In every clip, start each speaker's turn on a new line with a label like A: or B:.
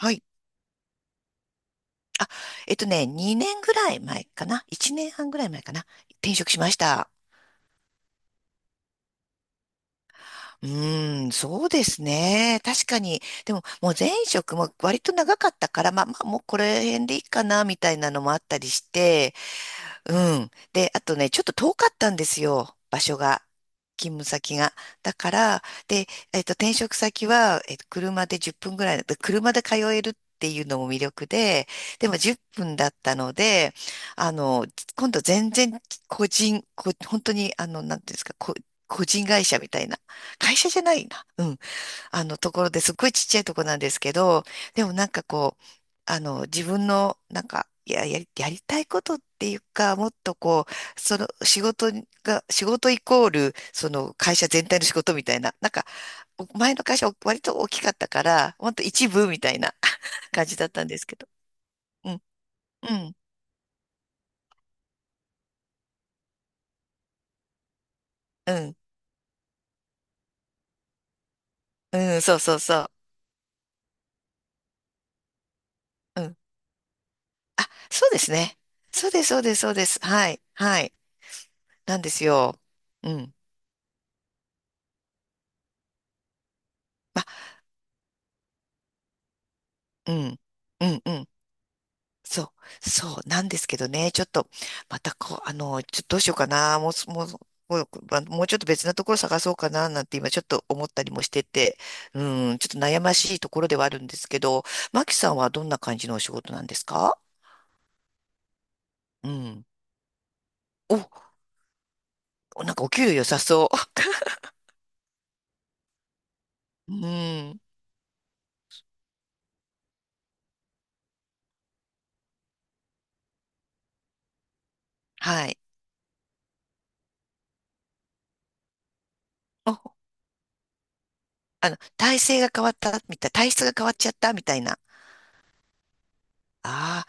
A: はい。あ、2年ぐらい前かな。1年半ぐらい前かな。転職しました。そうですね。確かに。でも、もう前職も割と長かったから、まあまあ、もうこれ辺でいいかな、みたいなのもあったりして、うで、あとね、ちょっと遠かったんですよ、場所が。勤務先が。だから、で、えっと、転職先は、車で10分ぐらいだった車で通えるっていうのも魅力で、でも10分だったので、あの、今度全然個人、こ、本当に、なんていうんですか、個人会社みたいな。会社じゃないな。うん。ところですっごいちっちゃいとこなんですけど、でもなんかこう、自分の、なんか、いや、やりたいことっていうか、もっとこう、その仕事が、仕事イコール、その会社全体の仕事みたいな、なんか、前の会社割と大きかったから、ほんと一部みたいな 感じだったんですけど。うん、うん、うん、うん、そうそうそう。うん、そうですね。そうです、そうです、そうです。はい、はい。なんですよ。うん、うん、うん、うん。そそうなんですけどね、ちょっと、またこう、ちょっとどうしようかな、もうす、もう、もう、まもうちょっと別なところ探そうかな、なんて今ちょっと思ったりもしてて、うん、ちょっと悩ましいところではあるんですけど、マキさんはどんな感じのお仕事なんですか？うん。お、なんかお給料良さそう。うん、はい。お、体制が変わった、みたい、体質が変わっちゃった、みたいな。あ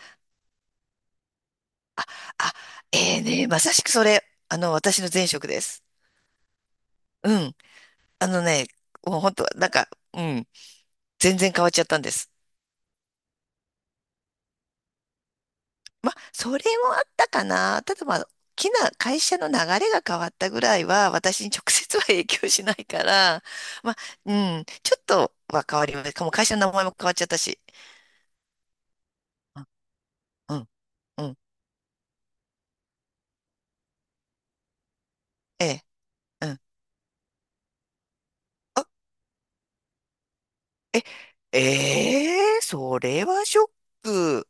A: あ、あ、ええね、まさしくそれ、私の前職です。うん。あのね、もう本当、なんか、うん、全然変わっちゃったんです。まあ、それもあったかな。ただまあ、大きな会社の流れが変わったぐらいは、私に直接は影響しないから、まあ、うん、ちょっとは変わります。もう会社の名前も変わっちゃったし。うん、うん、うんええ、うん。あ、え、ええそれはショック。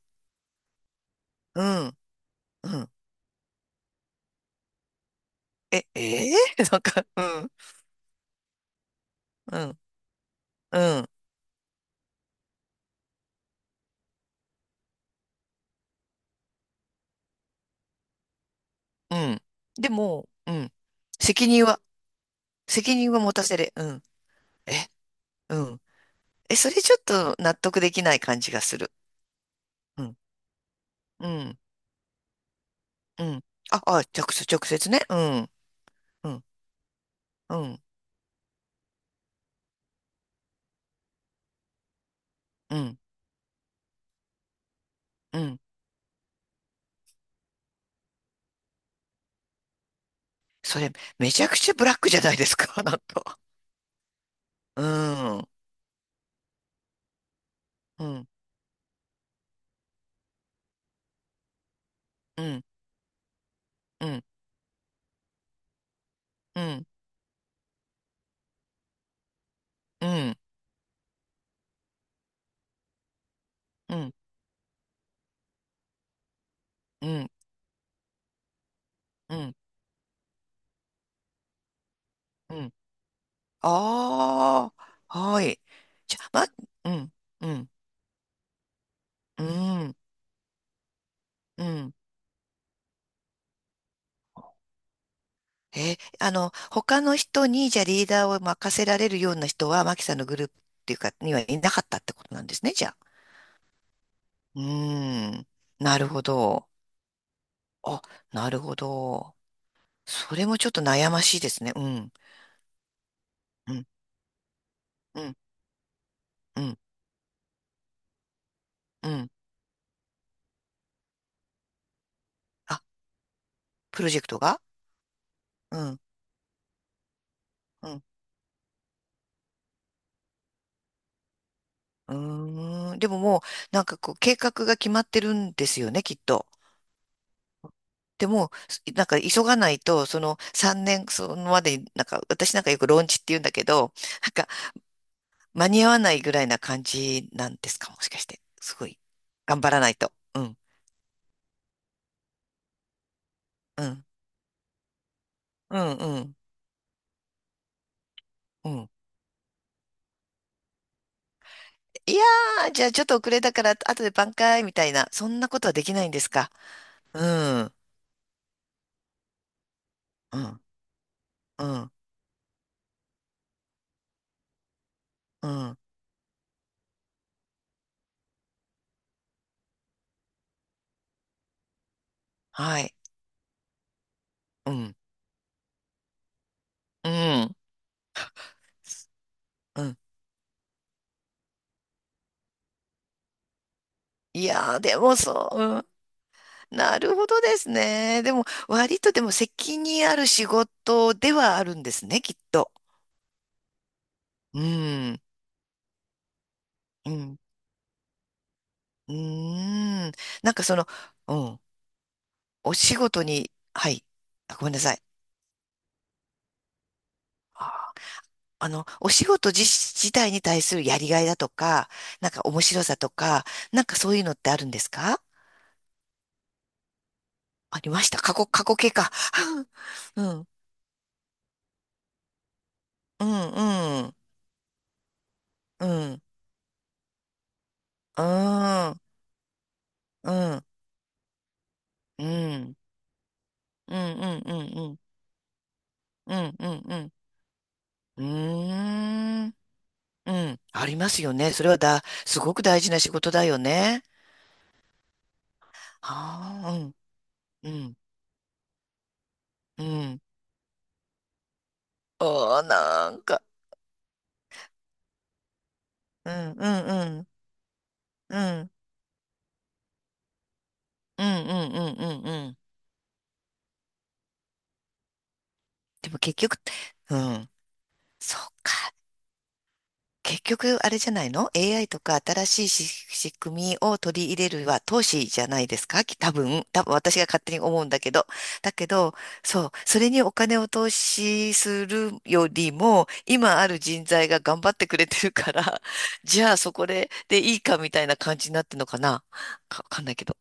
A: うん、うん。ええ なんか、うん、うん、うん。でも、うん。責任は責任を持たせれ。うん。え、うん。え、それちょっと納得できない感じがする。うん。うん。うん。あ、あ、直直接ね。うん。うん。うん。うん。うん。それ、めちゃくちゃブラックじゃないですか、なんか。うん。うん。うん。うん。うん。うん。うん。うん。うん。うん。あはい。じゃ、ま、うん。うん。うん。うん。他の人に、じゃあリーダーを任せられるような人は、マキさんのグループっていうか、にはいなかったってことなんですね、じゃあ。うーん。なるほど。あ、なるほど。それもちょっと悩ましいですね。うん。うん。うん。うん。うん。あ、プロジェクトが？うん。うん。うーん。でももう、なんかこう、計画が決まってるんですよね、きっと。でも、なんか急がないと、その3年、そのまでに、なんか、私なんかよくローンチって言うんだけど、間に合わないぐらいな感じなんですか、もしかして。すごい。頑張らないと。うん、うん、うん、うん、うん。いやー、じゃあちょっと遅れたから、後で挽回みたいな、そんなことはできないんですか。うん、うん、うん、うん、はい、うん、うん、うん。いやー、でもそう、うん。なるほどですね。でも、割とでも責任ある仕事ではあるんですね、きっと。うん、うん、うーん。なんかその、うん。お仕事に、はい。あ、ごめんなさい。あお仕事自体に対するやりがいだとか、なんか面白さとか、なんかそういうのってあるんですか？ありました。過去、過去形か。うん、うん、うん、うん、うん、うん、うん、うん、うん、うん、うん、うん、うん、うん、うーん、うん、ありますよね。それはだ、すごく大事な仕事だよね。ああ、うん、うん、うん。ああ、なんか、うん、うん、うん、うん、うん、うん、うん、うん。うん。でも結局、うん、そっか。結局、あれじゃないの？ AI とか新しいし仕組みを取り入れるは投資じゃないですかき多分、多分私が勝手に思うんだけど。だけど、そう、それにお金を投資するよりも、今ある人材が頑張ってくれてるから、じゃあそこで、でいいかみたいな感じになってるのかな、かわかんないけど。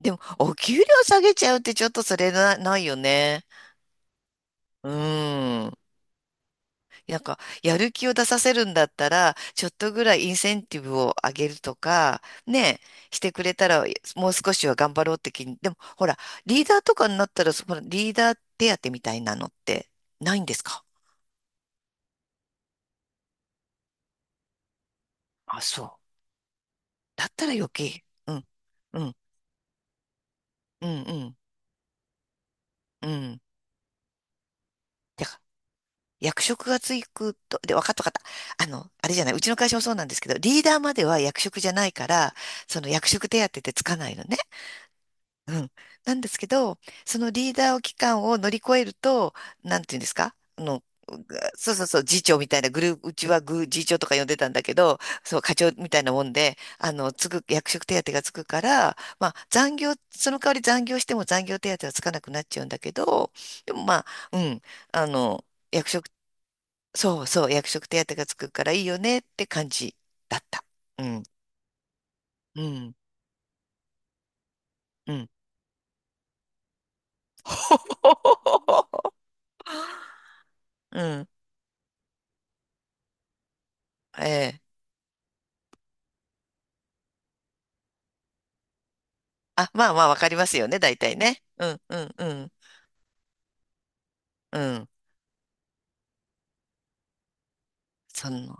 A: でも、お給料下げちゃうってちょっとそれな、ないよね。うん。なんか、やる気を出させるんだったら、ちょっとぐらいインセンティブを上げるとか、ね、してくれたら、もう少しは頑張ろうって気に。でも、ほら、リーダーとかになったら、そのリーダー手当みたいなのってないんですか？あ、そう。だったら余計。うん、うん、うん、うん、うん。だ役職がつくと、で、わかったわかった。あれじゃない、うちの会社もそうなんですけど、リーダーまでは役職じゃないから、その役職手当ってつかないのね。うん。なんですけど、そのリーダー期間を乗り越えると、なんていうんですか、そうそうそう、次長みたいなグループ、うちはグー、次長とか呼んでたんだけど、そう、課長みたいなもんで、役職手当がつくから、その代わり残業しても残業手当はつかなくなっちゃうんだけど、でもまあ、うん、あの、役職そうそう、役職手当がつくからいいよねって感じだった。うん、うん、うん。うん、ええ。あ、まあまあ、わかりますよね、大体ね。うん、うん、うん、うん。その、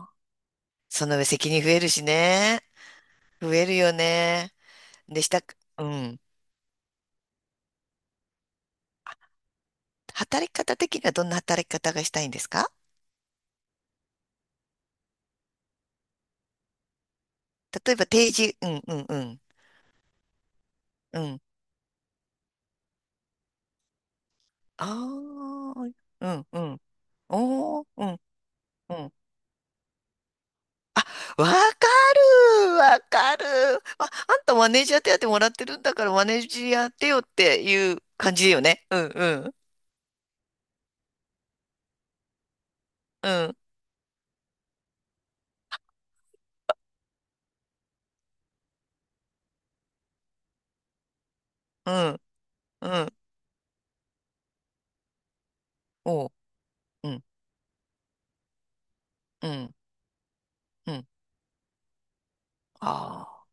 A: その上責任増えるしね。増えるよね。でした、うん。働き方的にはどんな働き方がしたいんですか？例えば定時、うん、うん、うん、うん。ああ、うん、うん。おー、うん、うん。わかる、わかる。あ、あんたマネージャー手当もらってるんだからマネージャー手よっていう感じだよね。うんうん。うんうんうん。おう。うんうんうん。ああ。